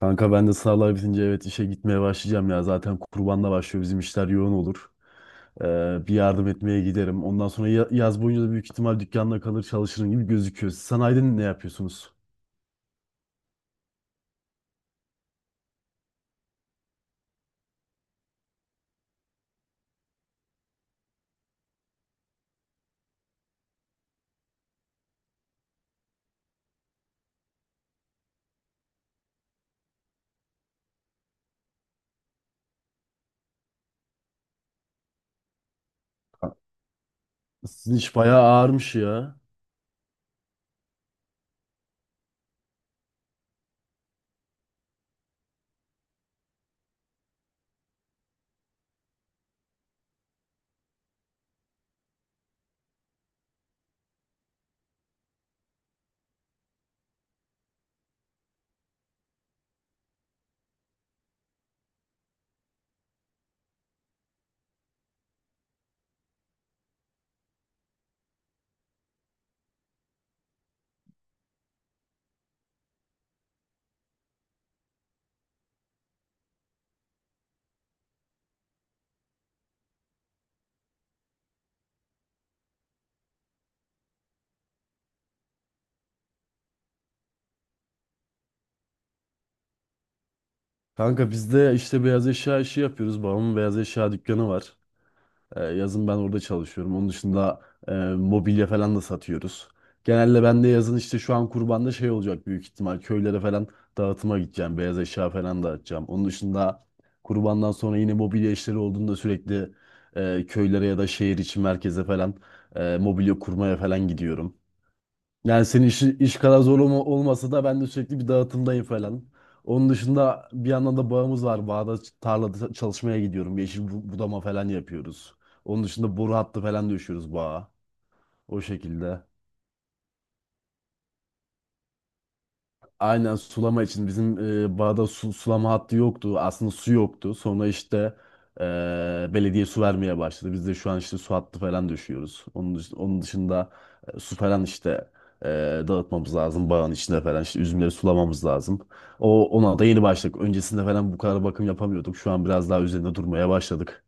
Kanka ben de sınavlar bitince evet işe gitmeye başlayacağım ya. Zaten kurbanla başlıyor, bizim işler yoğun olur. Bir yardım etmeye giderim. Ondan sonra yaz boyunca da büyük ihtimal dükkanda kalır çalışırım gibi gözüküyor. Siz sanayide ne yapıyorsunuz? Ha. Sizin iş bayağı ağırmış ya. Kanka biz de işte beyaz eşya işi yapıyoruz. Babamın beyaz eşya dükkanı var. Yazın ben orada çalışıyorum. Onun dışında mobilya falan da satıyoruz. Genelde ben de yazın işte şu an kurbanda şey olacak büyük ihtimal. Köylere falan dağıtıma gideceğim. Beyaz eşya falan dağıtacağım. Onun dışında kurbandan sonra yine mobilya işleri olduğunda sürekli köylere ya da şehir içi merkeze falan mobilya kurmaya falan gidiyorum. Yani senin iş kadar zor olmasa da ben de sürekli bir dağıtımdayım falan. Onun dışında bir yandan da bağımız var. Bağda tarlada çalışmaya gidiyorum. Yeşil budama falan yapıyoruz. Onun dışında boru hattı falan döşüyoruz bağa. O şekilde. Aynen, sulama için. Bizim bağda sulama hattı yoktu. Aslında su yoktu. Sonra işte e, belediye su vermeye başladı. Biz de şu an işte su hattı falan düşüyoruz. Onun dışında su falan işte e, dağıtmamız lazım. Bağın içinde falan işte üzümleri sulamamız lazım. O ona da yeni başladık. Öncesinde falan bu kadar bakım yapamıyorduk. Şu an biraz daha üzerinde durmaya başladık.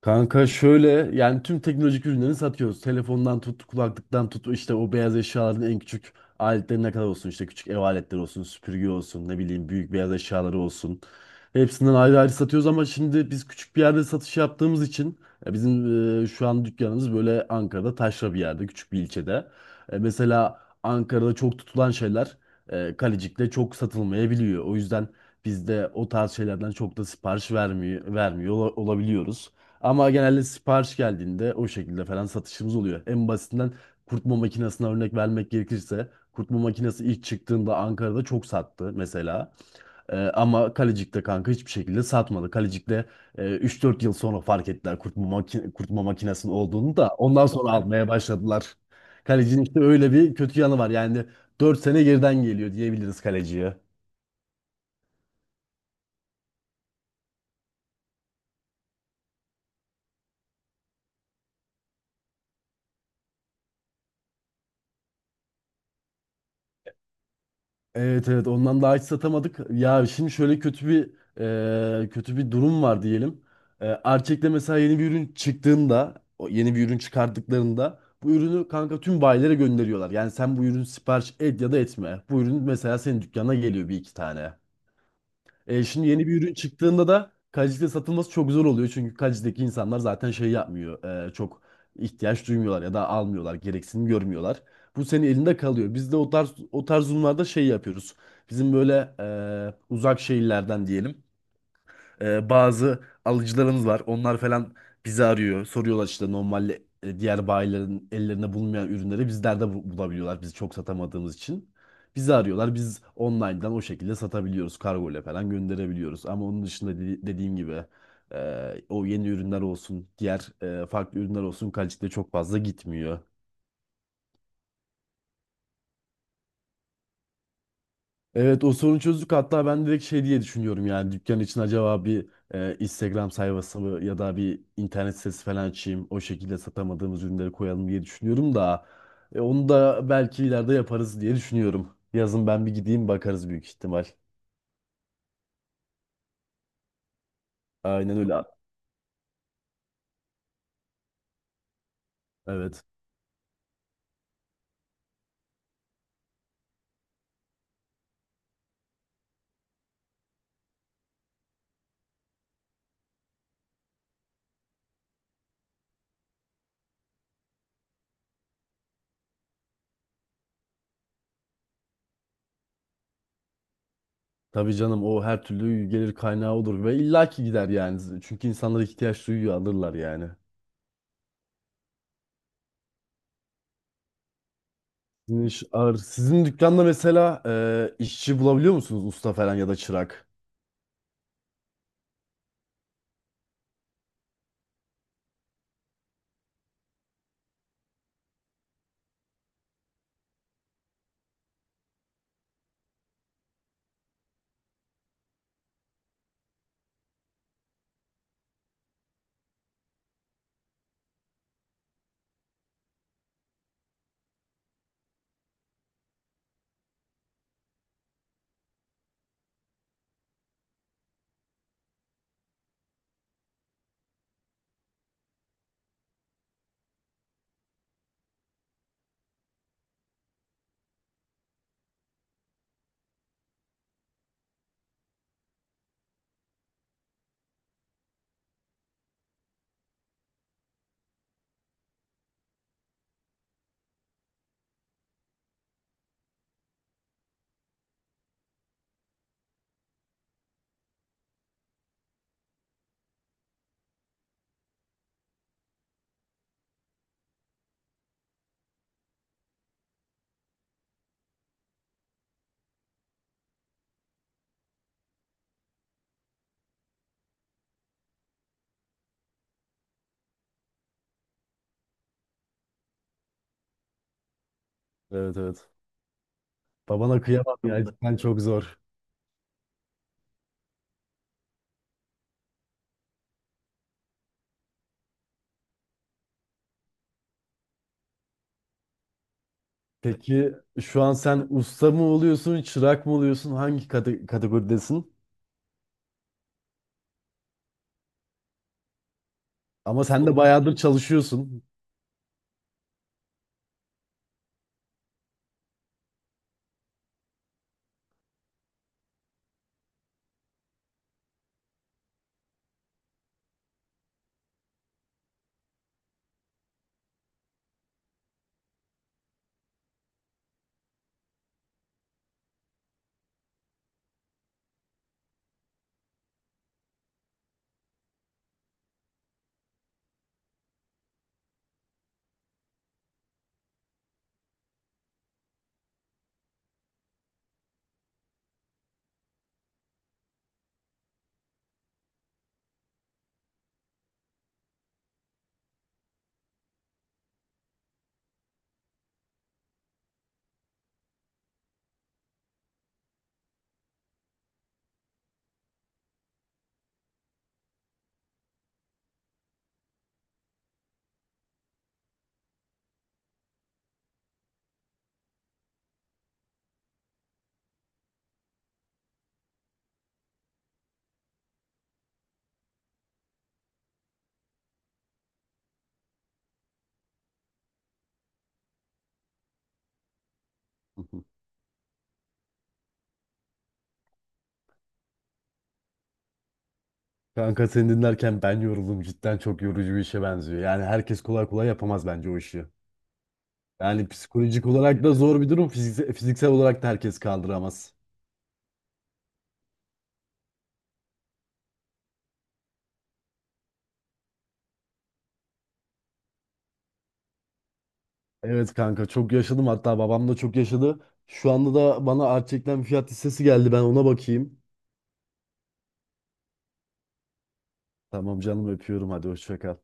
Kanka şöyle, yani tüm teknolojik ürünleri satıyoruz. Telefondan tut, kulaklıktan tut, işte o beyaz eşyaların en küçük aletlerine kadar olsun, işte küçük ev aletleri olsun, süpürge olsun, ne bileyim, büyük beyaz eşyaları olsun. Hepsinden ayrı ayrı satıyoruz ama şimdi biz küçük bir yerde satış yaptığımız için şu an dükkanımız böyle Ankara'da taşra bir yerde, küçük bir ilçede. E, mesela Ankara'da çok tutulan şeyler Kalecik'te çok satılmayabiliyor. O yüzden biz de o tarz şeylerden çok da vermiyor olabiliyoruz. Ama genelde sipariş geldiğinde o şekilde falan satışımız oluyor. En basitinden kurutma makinesine örnek vermek gerekirse, kurutma makinesi ilk çıktığında Ankara'da çok sattı mesela. Ama Kalecik'te kanka hiçbir şekilde satmadı. Kalecik'te 3-4 yıl sonra fark ettiler kurutma makinesinin olduğunu, da ondan sonra almaya başladılar. Kalecinin işte öyle bir kötü yanı var. Yani 4 sene geriden geliyor diyebiliriz kaleciye. Evet, evet, ondan daha hiç satamadık. Ya şimdi şöyle kötü bir, kötü bir durum var diyelim. E, Arçelik'le mesela yeni bir ürün çıkarttıklarında bu ürünü kanka tüm bayilere gönderiyorlar. Yani sen bu ürünü sipariş et ya da etme. Bu ürün mesela senin dükkana geliyor bir iki tane. E, şimdi yeni bir ürün çıktığında da kaliteli satılması çok zor oluyor. Çünkü kalitedeki insanlar zaten şey yapmıyor, çok ihtiyaç duymuyorlar ya da almıyorlar, gereksinim görmüyorlar. Bu senin elinde kalıyor. Biz de o tarz durumlarda şey yapıyoruz. Bizim böyle uzak şehirlerden diyelim bazı alıcılarımız var. Onlar falan bizi arıyor. Soruyorlar işte normalde diğer bayilerin ellerine bulunmayan ürünleri bizlerde bulabiliyorlar. Biz çok satamadığımız için bizi arıyorlar. Biz online'dan o şekilde satabiliyoruz. Kargo ile falan gönderebiliyoruz. Ama onun dışında dediğim gibi o yeni ürünler olsun, diğer farklı ürünler olsun, kalitede çok fazla gitmiyor. Evet, o sorunu çözdük. Hatta ben direkt şey diye düşünüyorum, yani dükkan için acaba bir Instagram sayfası mı ya da bir internet sitesi falan açayım, o şekilde satamadığımız ürünleri koyalım diye düşünüyorum da onu da belki ileride yaparız diye düşünüyorum. Yazın ben bir gideyim, bakarız büyük ihtimal. Aynen öyle. Evet. Tabii canım, o her türlü gelir kaynağı olur ve illaki gider yani. Çünkü insanlar ihtiyaç duyuyor, alırlar yani. Sizin iş ağır. Sizin dükkanda mesela işçi bulabiliyor musunuz? Usta falan ya da çırak. Evet, evet. Babana kıyamam ya. Cidden çok zor. Peki şu an sen usta mı oluyorsun, çırak mı oluyorsun? Hangi kategoridesin? Ama sen de bayağıdır çalışıyorsun. Kanka seni dinlerken ben yoruldum. Cidden çok yorucu bir işe benziyor. Yani herkes kolay kolay yapamaz bence o işi. Yani psikolojik olarak da zor bir durum. Fiziksel olarak da herkes kaldıramaz. Evet kanka, çok yaşadım. Hatta babam da çok yaşadı. Şu anda da bana gerçekten fiyat listesi geldi, ben ona bakayım. Tamam canım, öpüyorum. Hadi hoşça kal.